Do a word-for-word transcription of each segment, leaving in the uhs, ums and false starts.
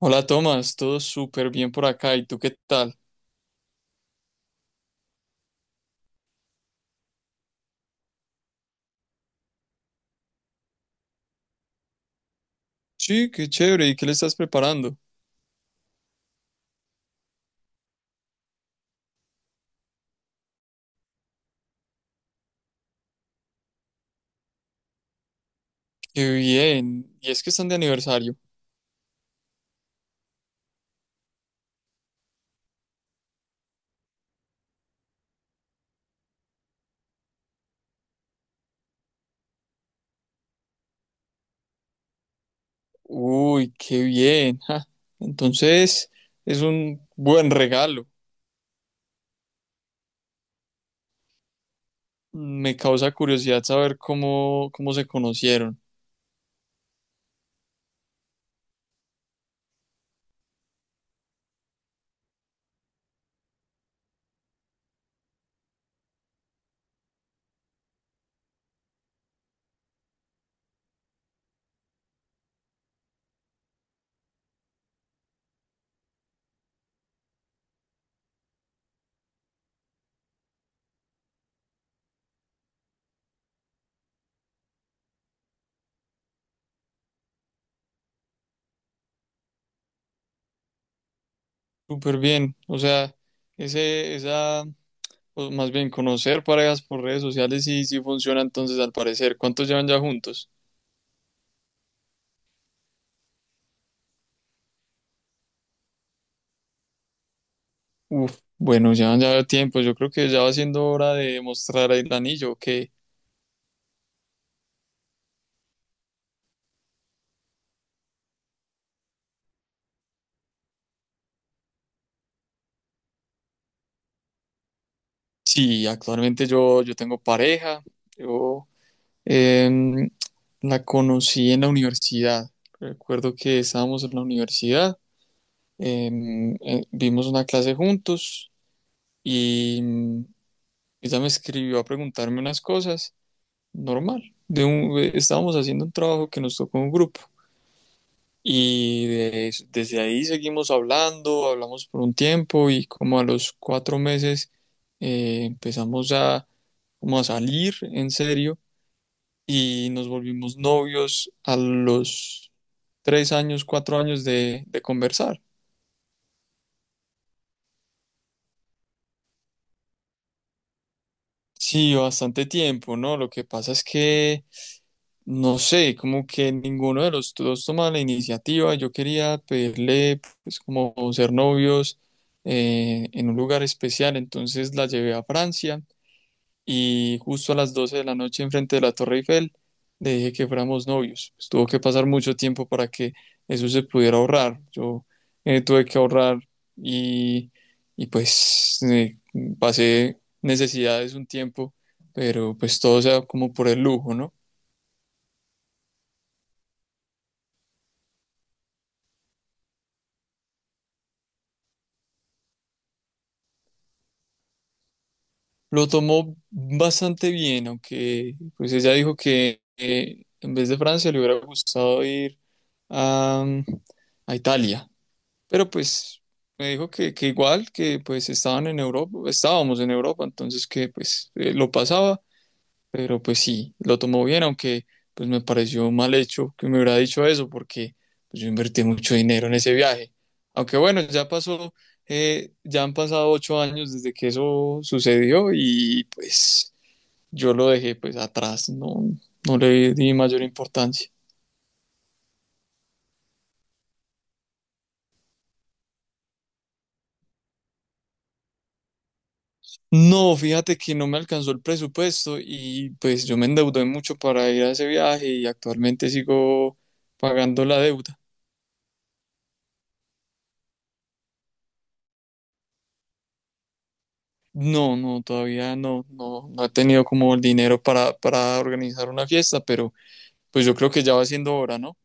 Hola Tomás, todo súper bien por acá. ¿Y tú qué tal? Sí, qué chévere. ¿Y qué le estás preparando? Qué bien. Y es que están de aniversario. Uy, qué bien. Ja. Entonces, es un buen regalo. Me causa curiosidad saber cómo, cómo se conocieron. Súper bien. O sea, ese, esa, o más bien conocer parejas por redes sociales sí, sí funciona entonces al parecer. ¿Cuántos llevan ya juntos? Uf, bueno, ya ya tiempo. Yo creo que ya va siendo hora de mostrar el anillo. Que sí, actualmente yo, yo tengo pareja. Yo em, la conocí en la universidad. Recuerdo que estábamos en la universidad. em, eh, vimos una clase juntos y mm, ella me escribió a preguntarme unas cosas. Normal. De un- eh, estábamos haciendo un trabajo que nos tocó en un grupo. Y des- desde ahí seguimos hablando, hablamos por un tiempo y como a los cuatro meses eh, empezamos a, como a salir en serio y nos volvimos novios a los tres años, cuatro años de, de conversar. Sí, bastante tiempo, ¿no? Lo que pasa es que, no sé, como que ninguno de los dos toma la iniciativa. Yo quería pedirle, pues, como ser novios eh, en un lugar especial, entonces la llevé a Francia. Y justo a las doce de la noche enfrente de la Torre Eiffel le dije que fuéramos novios. Pues tuvo que pasar mucho tiempo para que eso se pudiera ahorrar. Yo eh, tuve que ahorrar y, y pues eh, pasé necesidades un tiempo, pero pues todo sea como por el lujo, ¿no? Lo tomó bastante bien, aunque pues ella dijo que eh, en vez de Francia le hubiera gustado ir a, a Italia. Pero pues me dijo que, que igual, que pues estaban en Europa, estábamos en Europa, entonces que pues eh, lo pasaba, pero pues sí, lo tomó bien, aunque pues me pareció mal hecho que me hubiera dicho eso, porque pues, yo invertí mucho dinero en ese viaje. Aunque bueno, ya pasó. Eh, ya han pasado ocho años desde que eso sucedió y pues yo lo dejé pues atrás, no, no le di mayor importancia. No, fíjate que no me alcanzó el presupuesto y pues yo me endeudé mucho para ir a ese viaje y actualmente sigo pagando la deuda. No, no, todavía no, no, no he tenido como el dinero para, para organizar una fiesta, pero pues yo creo que ya va siendo hora, ¿no?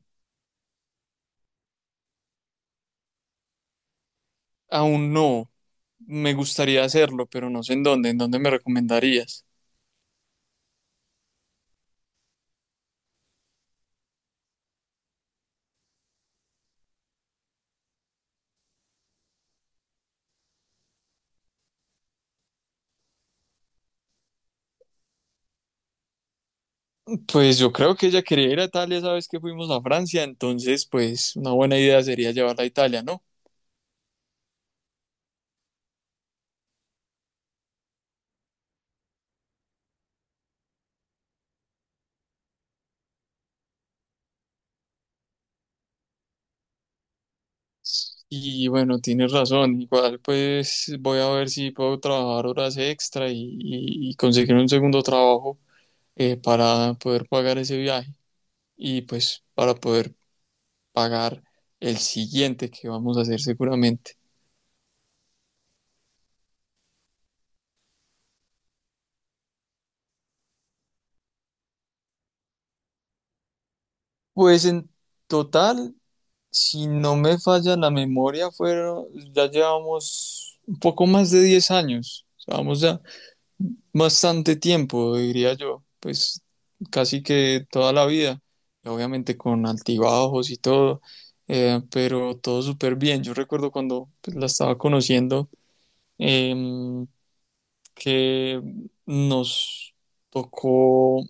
Aún no, me gustaría hacerlo, pero no sé en dónde. ¿En dónde me recomendarías? Pues yo creo que ella quería ir a Italia, sabes que fuimos a Francia, entonces pues una buena idea sería llevarla a Italia, ¿no? Y bueno, tienes razón. Igual pues voy a ver si puedo trabajar horas extra y, y- y conseguir un segundo trabajo eh, para poder pagar ese viaje y pues para poder pagar el siguiente que vamos a hacer seguramente. Pues en total, si no me falla la memoria, fueron, ya llevamos un poco más de diez años. Vamos bastante tiempo, diría yo, pues casi que toda la vida, obviamente con altibajos y todo. Eh, pero todo súper bien. Yo recuerdo cuando pues, la estaba conociendo. em, que nos tocó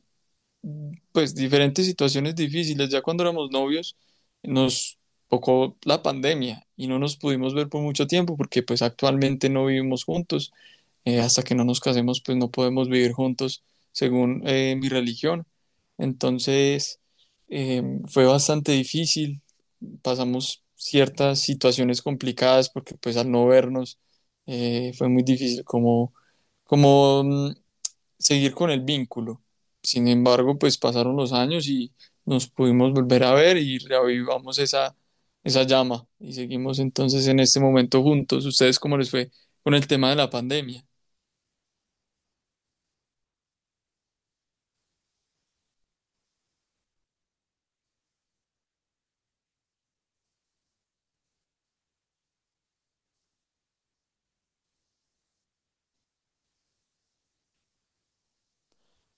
pues diferentes situaciones difíciles. Ya cuando éramos novios nos tocó la pandemia y no nos pudimos ver por mucho tiempo porque pues actualmente no vivimos juntos. Eh, hasta que no nos casemos, pues no podemos vivir juntos según eh, mi religión. Entonces, eh, fue bastante difícil. Pasamos ciertas situaciones complicadas porque pues al no vernos eh, fue muy difícil como, como mm, seguir con el vínculo. Sin embargo, pues pasaron los años y nos pudimos volver a ver y reavivamos esa, esa llama y seguimos entonces en este momento juntos. ¿Ustedes cómo les fue con el tema de la pandemia?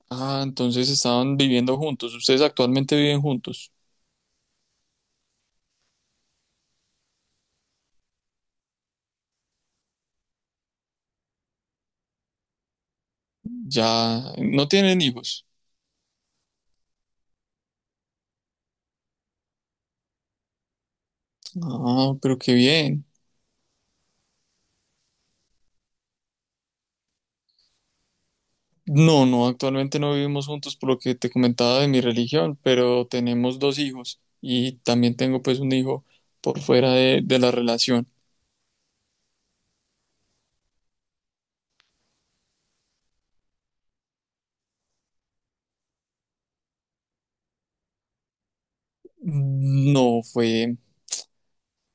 Ah, entonces estaban viviendo juntos. Ustedes actualmente viven juntos. Ya no tienen hijos. Ah, pero qué bien. No, no, actualmente no vivimos juntos por lo que te comentaba de mi religión, pero tenemos dos hijos y también tengo pues un hijo por fuera de, de la relación. No, fue,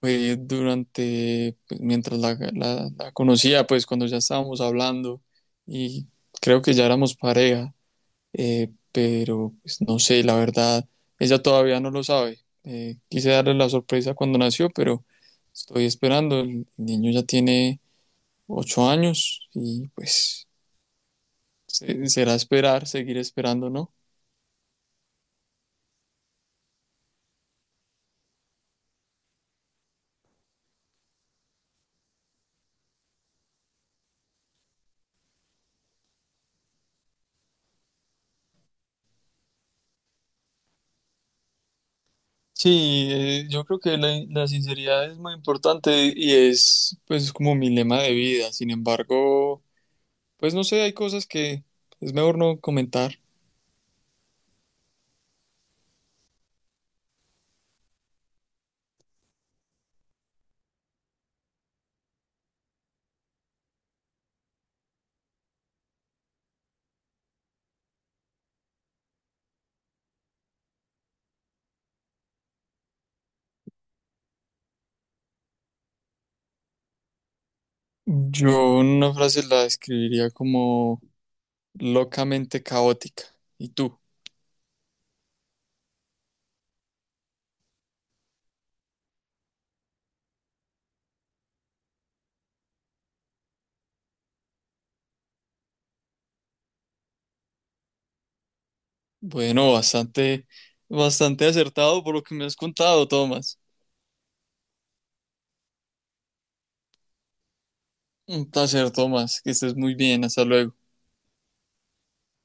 fue durante, pues, mientras la, la la conocía, pues cuando ya estábamos hablando y creo que ya éramos pareja. eh, pero pues, no sé, la verdad, ella todavía no lo sabe. Eh, quise darle la sorpresa cuando nació, pero estoy esperando. El niño ya tiene ocho años y pues se- será esperar, seguir esperando, ¿no? Sí, eh, yo creo que la, la sinceridad es muy importante y es pues como mi lema de vida. Sin embargo, pues no sé, hay cosas que es mejor no comentar. Yo una frase la describiría como locamente caótica. ¿Y tú? Bueno, bastante, bastante acertado por lo que me has contado, Tomás. Un placer, Tomás, que estés muy bien. Hasta luego.